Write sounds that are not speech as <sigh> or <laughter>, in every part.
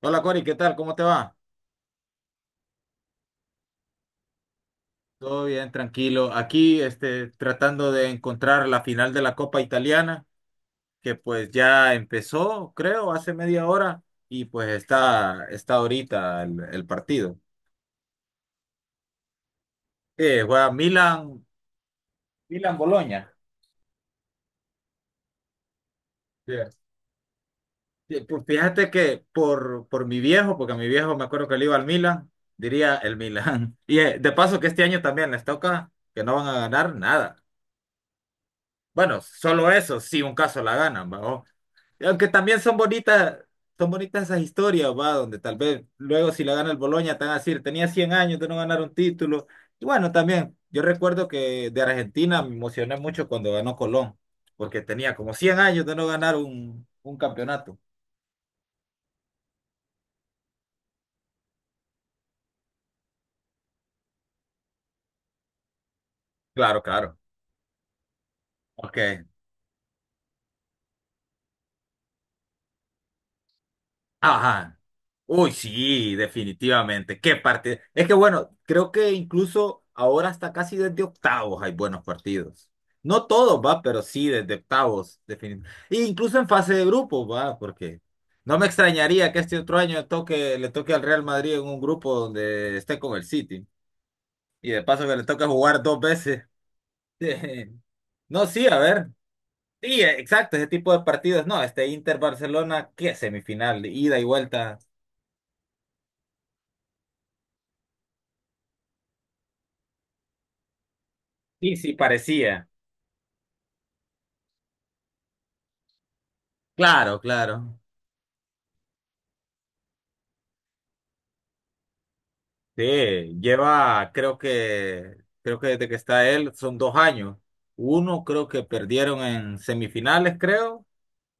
Hola Cori, ¿qué tal? ¿Cómo te va? Todo bien, tranquilo. Aquí, tratando de encontrar la final de la Copa Italiana, que pues ya empezó, creo, hace 1/2 hora, y pues está ahorita el partido. Juega Milan, Milan-Boloña. Sí. Sí, pues fíjate que por mi viejo, porque a mi viejo me acuerdo que le iba al Milan, diría el Milan. <laughs> Y de paso que este año también les toca que no van a ganar nada. Bueno, solo eso, si un caso la ganan, ¿va? Aunque también son bonitas esas historias, va, donde tal vez luego si la gana el Boloña te van a decir, tenía 100 años de no ganar un título. Y bueno, también, yo recuerdo que de Argentina me emocioné mucho cuando ganó Colón, porque tenía como 100 años de no ganar un campeonato. Claro, claro. Ok. Ajá. Uy, sí, definitivamente. Qué partido. Es que bueno, creo que incluso ahora hasta casi desde octavos hay buenos partidos. No todos, va, pero sí desde octavos, definitivamente. E incluso en fase de grupos, va, porque no me extrañaría que este otro año toque, le toque al Real Madrid en un grupo donde esté con el City. Y de paso que le toque jugar dos veces. <laughs> No, sí, a ver. Sí, exacto, ese tipo de partidos. No, este Inter-Barcelona, ¿qué semifinal? Ida y vuelta. Sí, sí, parecía. Claro, claro. Sí, lleva, creo que desde que está él son 2 años. Uno creo que perdieron en semifinales, creo,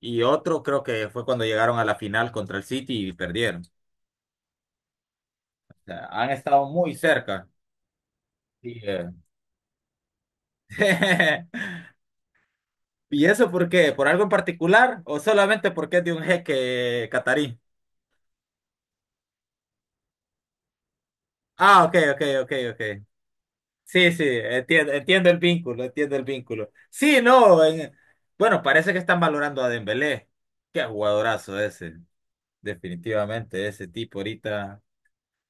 y otro creo que fue cuando llegaron a la final contra el City y perdieron. O sea, han estado muy cerca. Sí, eh. <laughs> ¿Y eso por qué? ¿Por algo en particular o solamente porque es de un jeque catarí? Ah, ok, ok, ok, ok. Sí, sí, entiendo, entiendo el vínculo, entiendo el vínculo. Sí, no, en- bueno, parece que están valorando a Dembélé. Qué jugadorazo ese, definitivamente, ese tipo ahorita.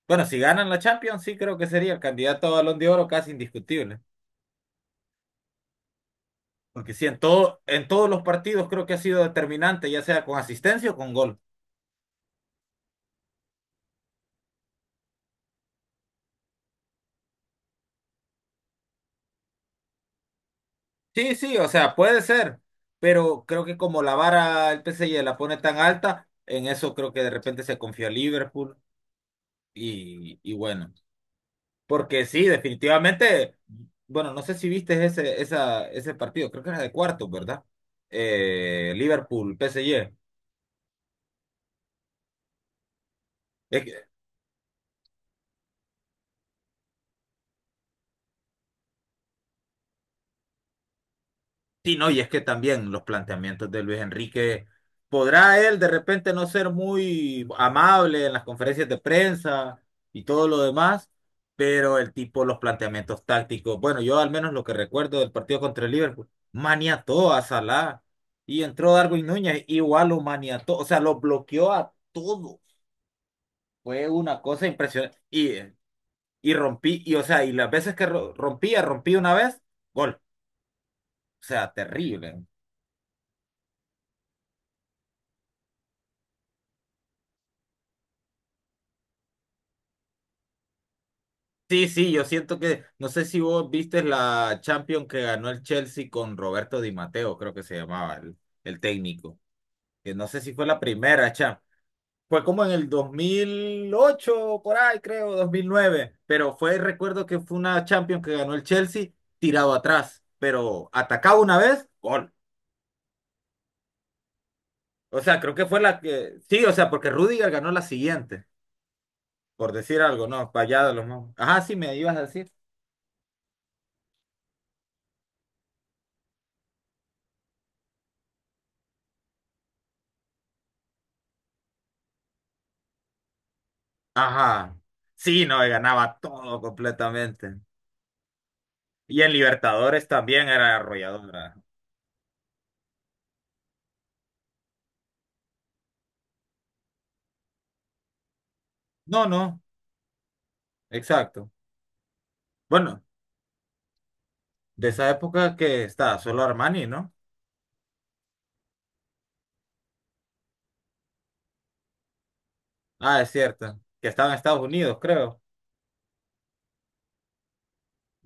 Bueno, si ganan la Champions, sí creo que sería el candidato a Balón de Oro casi indiscutible. Porque sí, en todo, en todos los partidos creo que ha sido determinante, ya sea con asistencia o con gol. Sí, sí, o sea, puede ser, pero creo que como la vara el PSG la pone tan alta, en eso creo que de repente se confió Liverpool y bueno. Porque sí, definitivamente, bueno, no sé si viste ese, esa, ese partido, creo que era de cuartos, ¿verdad? Liverpool, PSG. Es que- sí, no, y es que también los planteamientos de Luis Enrique, podrá él de repente no ser muy amable en las conferencias de prensa y todo lo demás, pero el tipo, los planteamientos tácticos, bueno, yo al menos lo que recuerdo del partido contra el Liverpool, maniató a Salah y entró Darwin Núñez, igual lo maniató, o sea, lo bloqueó a todos. Fue una cosa impresionante. Y rompí, y o sea, y las veces que rompía, rompí una vez, gol. O sea, terrible. Sí, sí, yo siento que, no sé si vos viste la Champions que ganó el Chelsea con Roberto Di Matteo, creo que se llamaba el técnico. Que no sé si fue la primera Champions. Fue como en el 2008 por ahí creo, 2009. Pero fue, recuerdo que fue una Champions que ganó el Chelsea tirado atrás. Pero atacaba una vez, gol. O sea, creo que fue la que. Sí, o sea, porque Rudiger ganó la siguiente, por decir algo, ¿no? Para allá de los más. Ajá, sí, me ibas a decir. Ajá. Sí, no, ganaba todo completamente. Y en Libertadores también era arrolladora. No, no, exacto. Bueno, de esa época que está solo Armani, ¿no? Ah, es cierto. Que estaba en Estados Unidos, creo.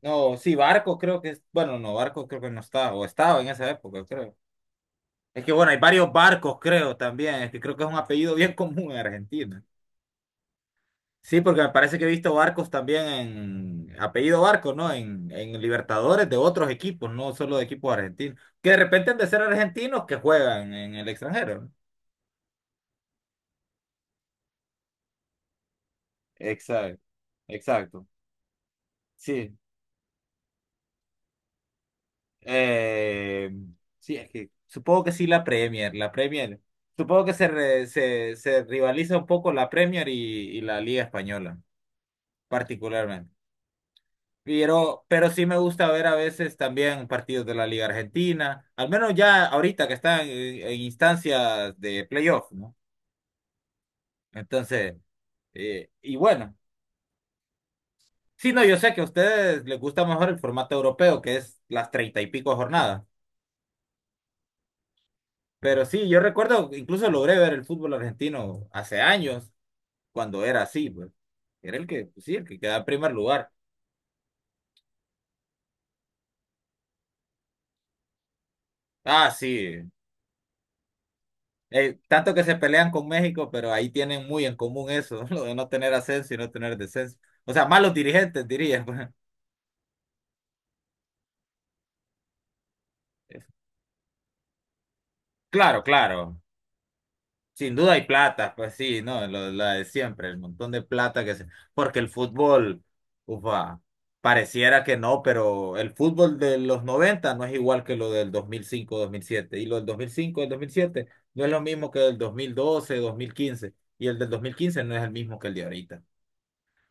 No, sí, Barco creo que es. Bueno, no, Barco creo que no estaba. O estaba en esa época, creo. Es que bueno, hay varios barcos, creo, también. Es que creo que es un apellido bien <laughs> común en Argentina. Sí, porque me parece que he visto barcos también en apellido Barcos, ¿no? En Libertadores de otros equipos, no solo de equipos argentinos. Que de repente han de ser argentinos que juegan en el extranjero, ¿no? Exacto, exacto. Sí, eh, sí, es que supongo que sí la Premier, la Premier. Supongo que se rivaliza un poco la Premier y la Liga Española, particularmente. Pero sí me gusta ver a veces también partidos de la Liga Argentina, al menos ya ahorita que están en instancias de playoff, ¿no? Entonces, y bueno, sí, no, yo sé que a ustedes les gusta mejor el formato europeo, que es las treinta y pico jornadas, pero sí, yo recuerdo, que incluso logré ver el fútbol argentino hace años, cuando era así, pues, era el que, pues sí, el que quedaba en primer lugar. Ah, sí. Tanto que se pelean con México, pero ahí tienen muy en común eso, <laughs> lo de no tener ascenso y no tener descenso. O sea, malos dirigentes, diría, pues. Claro, claro. Sin duda hay plata, pues sí, no, lo, la de siempre, el montón de plata que se… Porque el fútbol, ufa, pareciera que no, pero el fútbol de los 90 no es igual que lo del 2005 1007. Y lo del dos mil cinco 2007 no es lo mismo que el 2012 1015. Y el del 2015 no es el mismo que el de ahorita.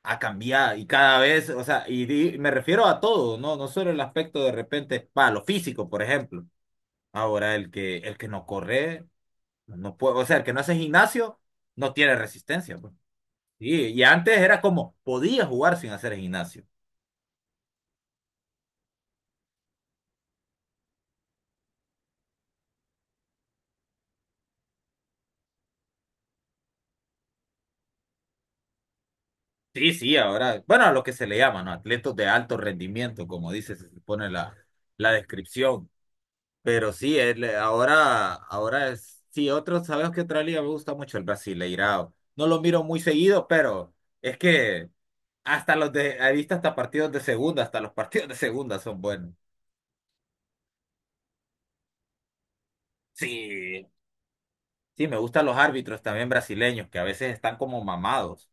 Ha cambiado y cada vez, o sea, y, me refiero a todo, ¿no? No solo el aspecto de repente, para lo físico, por ejemplo. Ahora, el que no corre, no puede, o sea, el que no hace gimnasio, no tiene resistencia, pues. Sí, y antes era como, podía jugar sin hacer gimnasio. Sí, sí, ahora, bueno, a lo que se le llama, ¿no? Atletas de alto rendimiento, como dice, se pone la, la descripción. Pero sí, el- ahora, ahora es, sí, otro, sabes que otra liga me gusta mucho el Brasileirao. No lo miro muy seguido, pero es que hasta los de, he visto hasta partidos de segunda, hasta los partidos de segunda son buenos. Sí, sí, me gustan los árbitros también brasileños, que a veces están como mamados.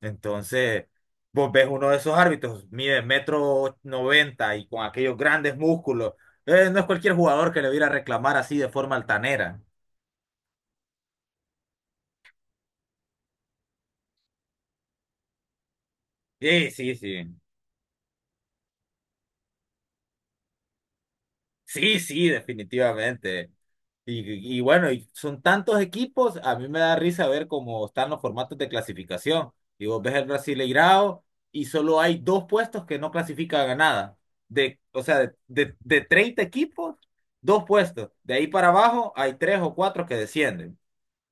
Entonces, vos ves uno de esos árbitros, mide 1,90 m y con aquellos grandes músculos. No es cualquier jugador que le viera a reclamar así de forma altanera. Sí, sí, sí. Sí, sí, definitivamente. Y bueno, y son tantos equipos, a mí me da risa ver cómo están los formatos de clasificación. Y vos ves el Brasileirao y solo hay dos puestos que no clasifican a nada. De, o sea, de 30 equipos, dos puestos. De ahí para abajo hay tres o cuatro que descienden.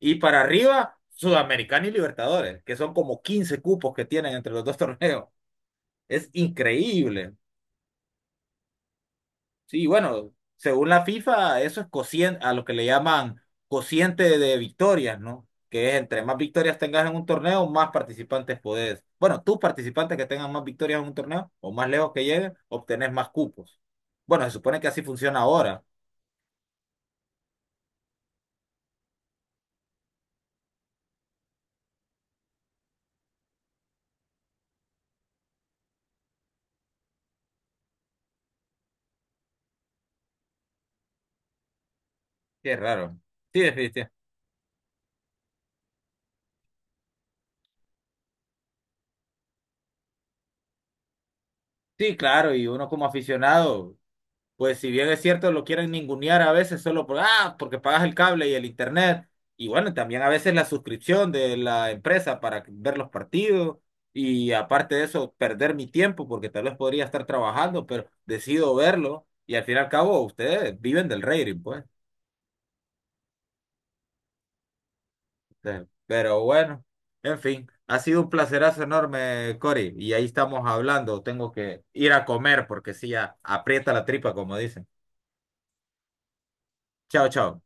Y para arriba, Sudamericana y Libertadores, que son como 15 cupos que tienen entre los dos <laughs> torneos. Es increíble. Sí, bueno, según la FIFA, eso es cociente, a lo que le llaman cociente de victorias, ¿no? Que es entre más victorias tengas en un torneo, más participantes podés. Bueno, tus participantes que tengan más victorias en un torneo, o más lejos que lleguen, obtenés más cupos. Bueno, se supone que así funciona ahora. Qué raro. Sí, definitivamente. Sí, claro, y uno como aficionado. Pues si bien es cierto, lo quieren ningunear a veces solo por, ah, porque pagas el cable y el internet. Y bueno, también a veces la suscripción de la empresa para ver los partidos. Y aparte de eso, perder mi tiempo porque tal vez podría estar trabajando, pero decido verlo. Y al fin y al cabo, ustedes viven del rating, pues. Ustedes- pero bueno, en fin, ha sido un placerazo enorme, Cory. Y ahí estamos hablando. Tengo que ir a comer porque sí, ya aprieta la tripa, como dicen. Chao, chao.